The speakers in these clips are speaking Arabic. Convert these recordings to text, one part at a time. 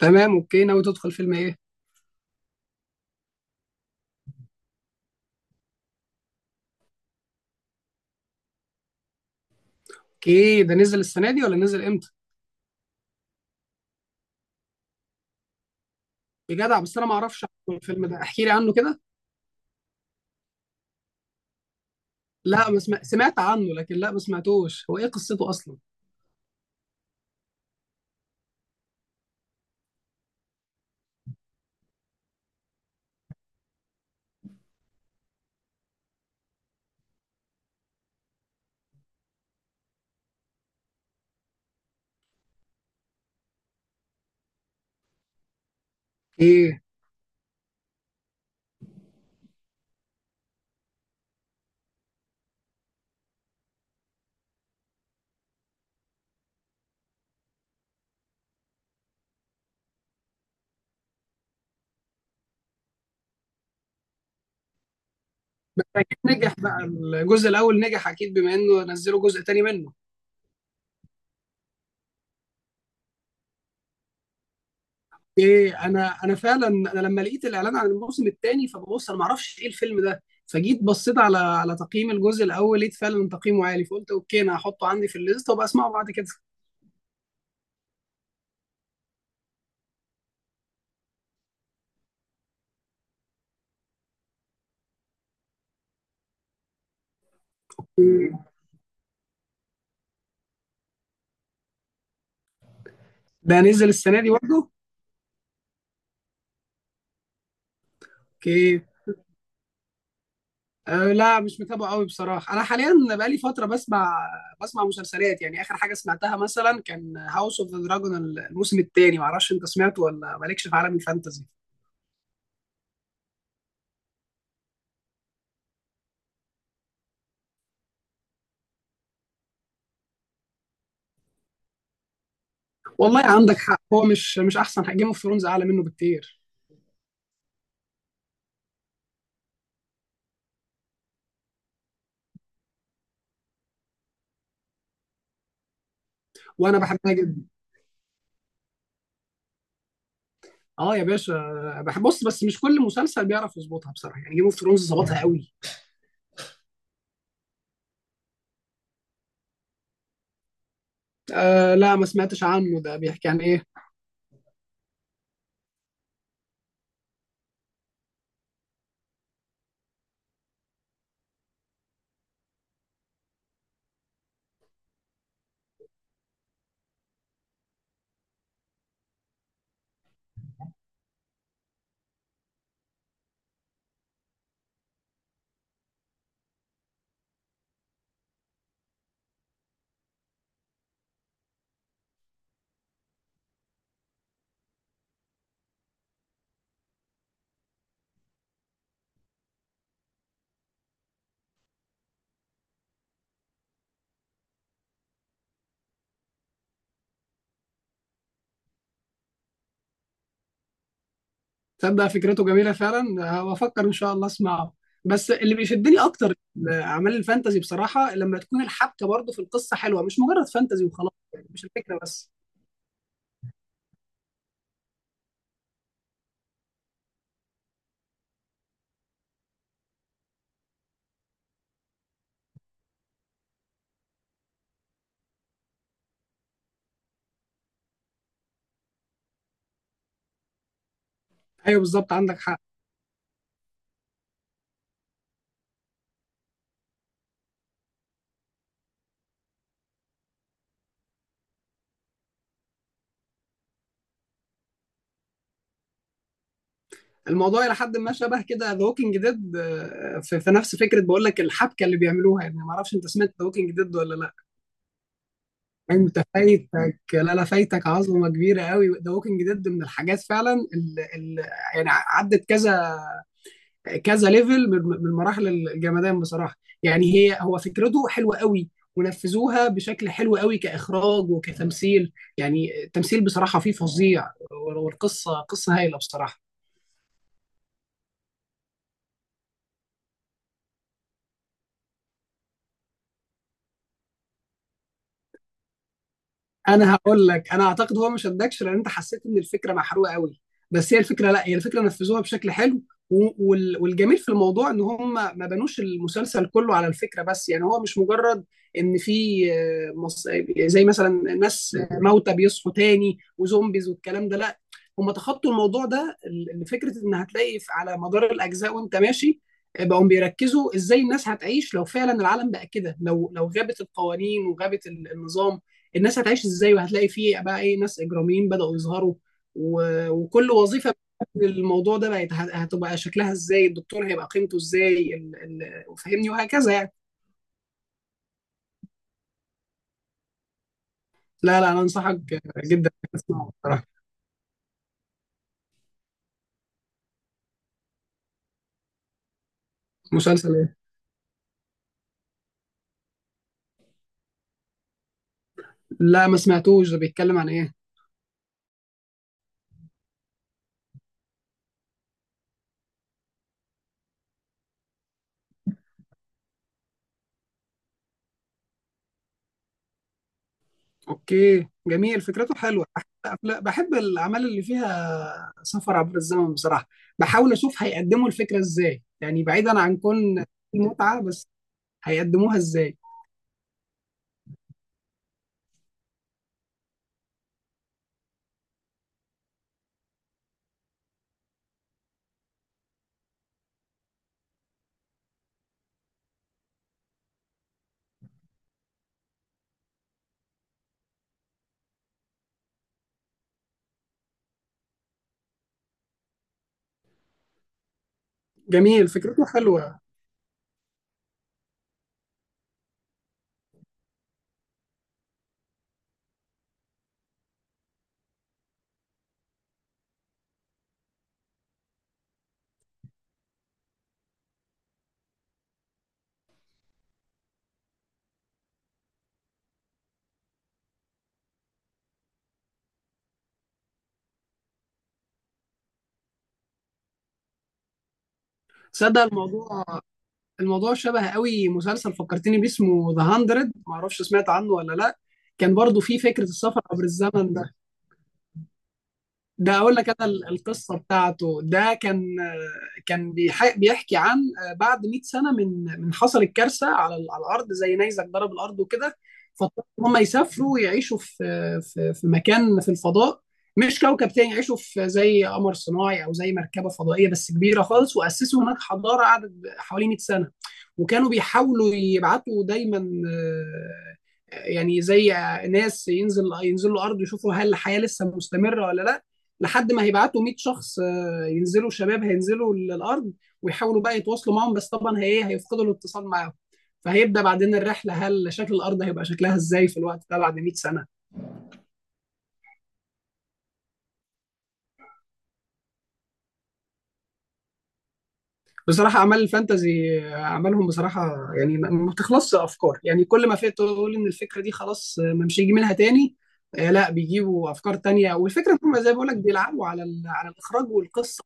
تمام، اوكي. ناوي تدخل فيلم ايه؟ اوكي، ده نزل السنه دي ولا نزل امتى؟ بجدع، بس انا ما اعرفش عنه الفيلم ده، احكي لي عنه كده. لا، ما سمع... سمعت عنه، لكن لا، ما سمعتوش. هو ايه قصته اصلا؟ ايه، بس اكيد نجح بقى. الجزء الاول نجح اكيد، بما انه نزلوا جزء تاني منه. ايه، انا فعلا. انا لما لقيت الاعلان عن الموسم الثاني فببص انا ما اعرفش ايه الفيلم ده، فجيت بصيت على تقييم الجزء الاول، لقيت فعلا تقييمه عالي، فقلت اوكي، انا هحطه عندي في الليست وابقى اسمعه بعد كده. إيه، ده نزل السنه دي برضه؟ اوكي. أه، لا، مش متابعه قوي بصراحه. انا حاليا بقالي فتره بسمع مسلسلات. يعني اخر حاجه سمعتها مثلا كان هاوس اوف ذا دراجون الموسم الثاني، معرفش انت سمعته ولا مالكش في عالم الفانتازي. والله عندك حق، هو مش احسن حاجه، جيم اوف ثرونز اعلى منه بكتير. وانا بحبها جدا. اه يا باشا. بحب، بص، بس مش كل مسلسل بيعرف يظبطها بصراحه، يعني جيم اوف ثرونز ظبطها قوي. أه، لا، ما سمعتش عنه، ده بيحكي عن ايه؟ تصدق فكرته جميلة فعلا، هفكر إن شاء الله أسمعه. بس اللي بيشدني أكتر أعمال الفانتازي بصراحة، لما تكون الحبكة برضه في القصة حلوة، مش مجرد فانتازي وخلاص، يعني مش الفكرة بس. أيوه، بالظبط، عندك حق. الموضوع إلى حد ما شبه كده ذا ووكينج ديد، في نفس فكرة، بقول لك الحبكة اللي بيعملوها، يعني معرفش أنت سمعت ذا ووكينج ديد ولا لا. يعني أنت فايتك، لا لا، فايتك عظمة كبيرة قوي. ذا ووكينج ديد من الحاجات فعلا اللي، يعني، عدت كذا كذا ليفل من مراحل الجمدان بصراحه. يعني هو فكرته حلوه قوي، ونفذوها بشكل حلو قوي كاخراج وكتمثيل. يعني التمثيل بصراحه فيه فظيع، والقصه قصه هايله بصراحه. انا هقول لك، انا اعتقد هو ما شدكش لان انت حسيت ان الفكره محروقه قوي. بس هي الفكره، لا، هي الفكره نفذوها بشكل حلو. والجميل في الموضوع ان هم ما بنوش المسلسل كله على الفكره بس. يعني هو مش مجرد ان في زي مثلا ناس موتى بيصحوا تاني وزومبيز والكلام ده، لا، هم تخطوا الموضوع ده لفكره ان هتلاقي على مدار الاجزاء وانت ماشي. بقوا بيركزوا ازاي الناس هتعيش لو فعلا العالم بقى كده. لو غابت القوانين وغابت النظام، الناس هتعيش ازاي؟ وهتلاقي فيه بقى ايه ناس اجراميين بدأوا يظهروا. و... وكل وظيفة الموضوع ده بقت هتبقى شكلها ازاي، الدكتور هيبقى قيمته ازاي. وفهمني وهكذا يعني. لا لا، انا انصحك جدا تسمعه بصراحة. مسلسل ايه؟ لا، ما سمعتوش، ده بيتكلم عن ايه؟ اوكي، جميل فكرته حلوة، بحب. بحب الاعمال اللي فيها سفر عبر الزمن بصراحة، بحاول اشوف هيقدموا الفكرة ازاي، يعني بعيدا عن كون المتعة بس، هيقدموها ازاي. جميل فكرته حلوة. تصدق الموضوع شبه قوي مسلسل فكرتني بيه اسمه ذا 100، معرفش سمعت عنه ولا لا. كان برضو فيه فكرة السفر عبر الزمن. ده اقول لك انا القصه بتاعته. ده كان كان بيحكي عن بعد 100 سنه من حصلت كارثه على على الارض، زي نيزك ضرب الارض وكده. فاضطروا ان هم يسافروا ويعيشوا في في مكان في الفضاء، مش كوكب تاني يعيشوا في، زي قمر صناعي او زي مركبه فضائيه بس كبيره خالص، واسسوا هناك حضاره قعدت حوالي 100 سنه. وكانوا بيحاولوا يبعتوا دايما، آه، يعني زي ناس ينزلوا الارض يشوفوا هل الحياه لسه مستمره ولا لا، لحد ما هيبعتوا 100 شخص ينزلوا، شباب هينزلوا الارض ويحاولوا بقى يتواصلوا معاهم، بس طبعا هي ايه، هيفقدوا الاتصال معاهم. فهيبدا بعدين الرحله، هل شكل الارض هيبقى شكلها ازاي في الوقت ده بعد 100 سنه. بصراحه اعمال الفانتازي اعمالهم بصراحه، يعني ما بتخلصش افكار. يعني كل ما في تقول ان الفكره دي خلاص، ما مش هيجي منها تاني. لا، بيجيبوا افكار تانية، والفكره هم زي ما بقول لك بيلعبوا على على الاخراج والقصه.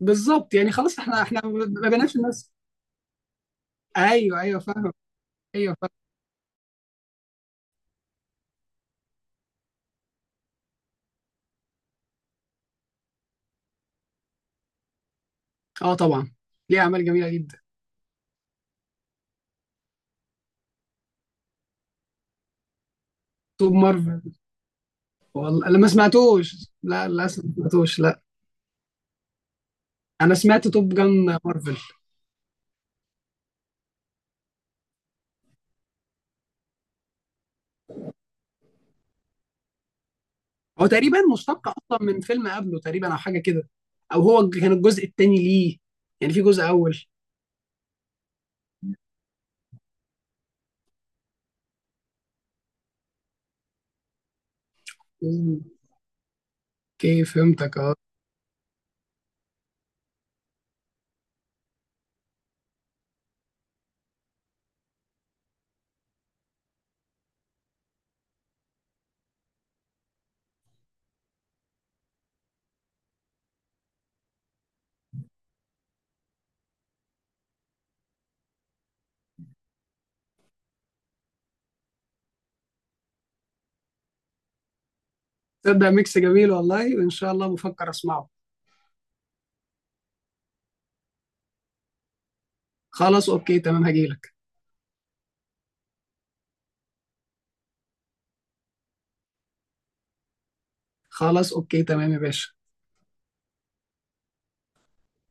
بالظبط، يعني خلاص احنا، ما بناش الناس. ايوه ايوه فاهم. ايوه. اه طبعا. ليه اعمال جميله جدا. توب مارفل. والله انا ما سمعتوش، لا، للاسف ما سمعتوش لا. انا سمعت توب جان مارفل. هو تقريبا مشتق اصلا من فيلم قبله تقريبا او حاجه كده، او هو كان الجزء الثاني ليه، يعني في جزء اول. مم. اوكي فهمتك، اه. تصدق ميكس جميل والله، وان شاء الله بفكر اسمعه. خلاص اوكي تمام، هجيلك. خلاص اوكي تمام يا باشا.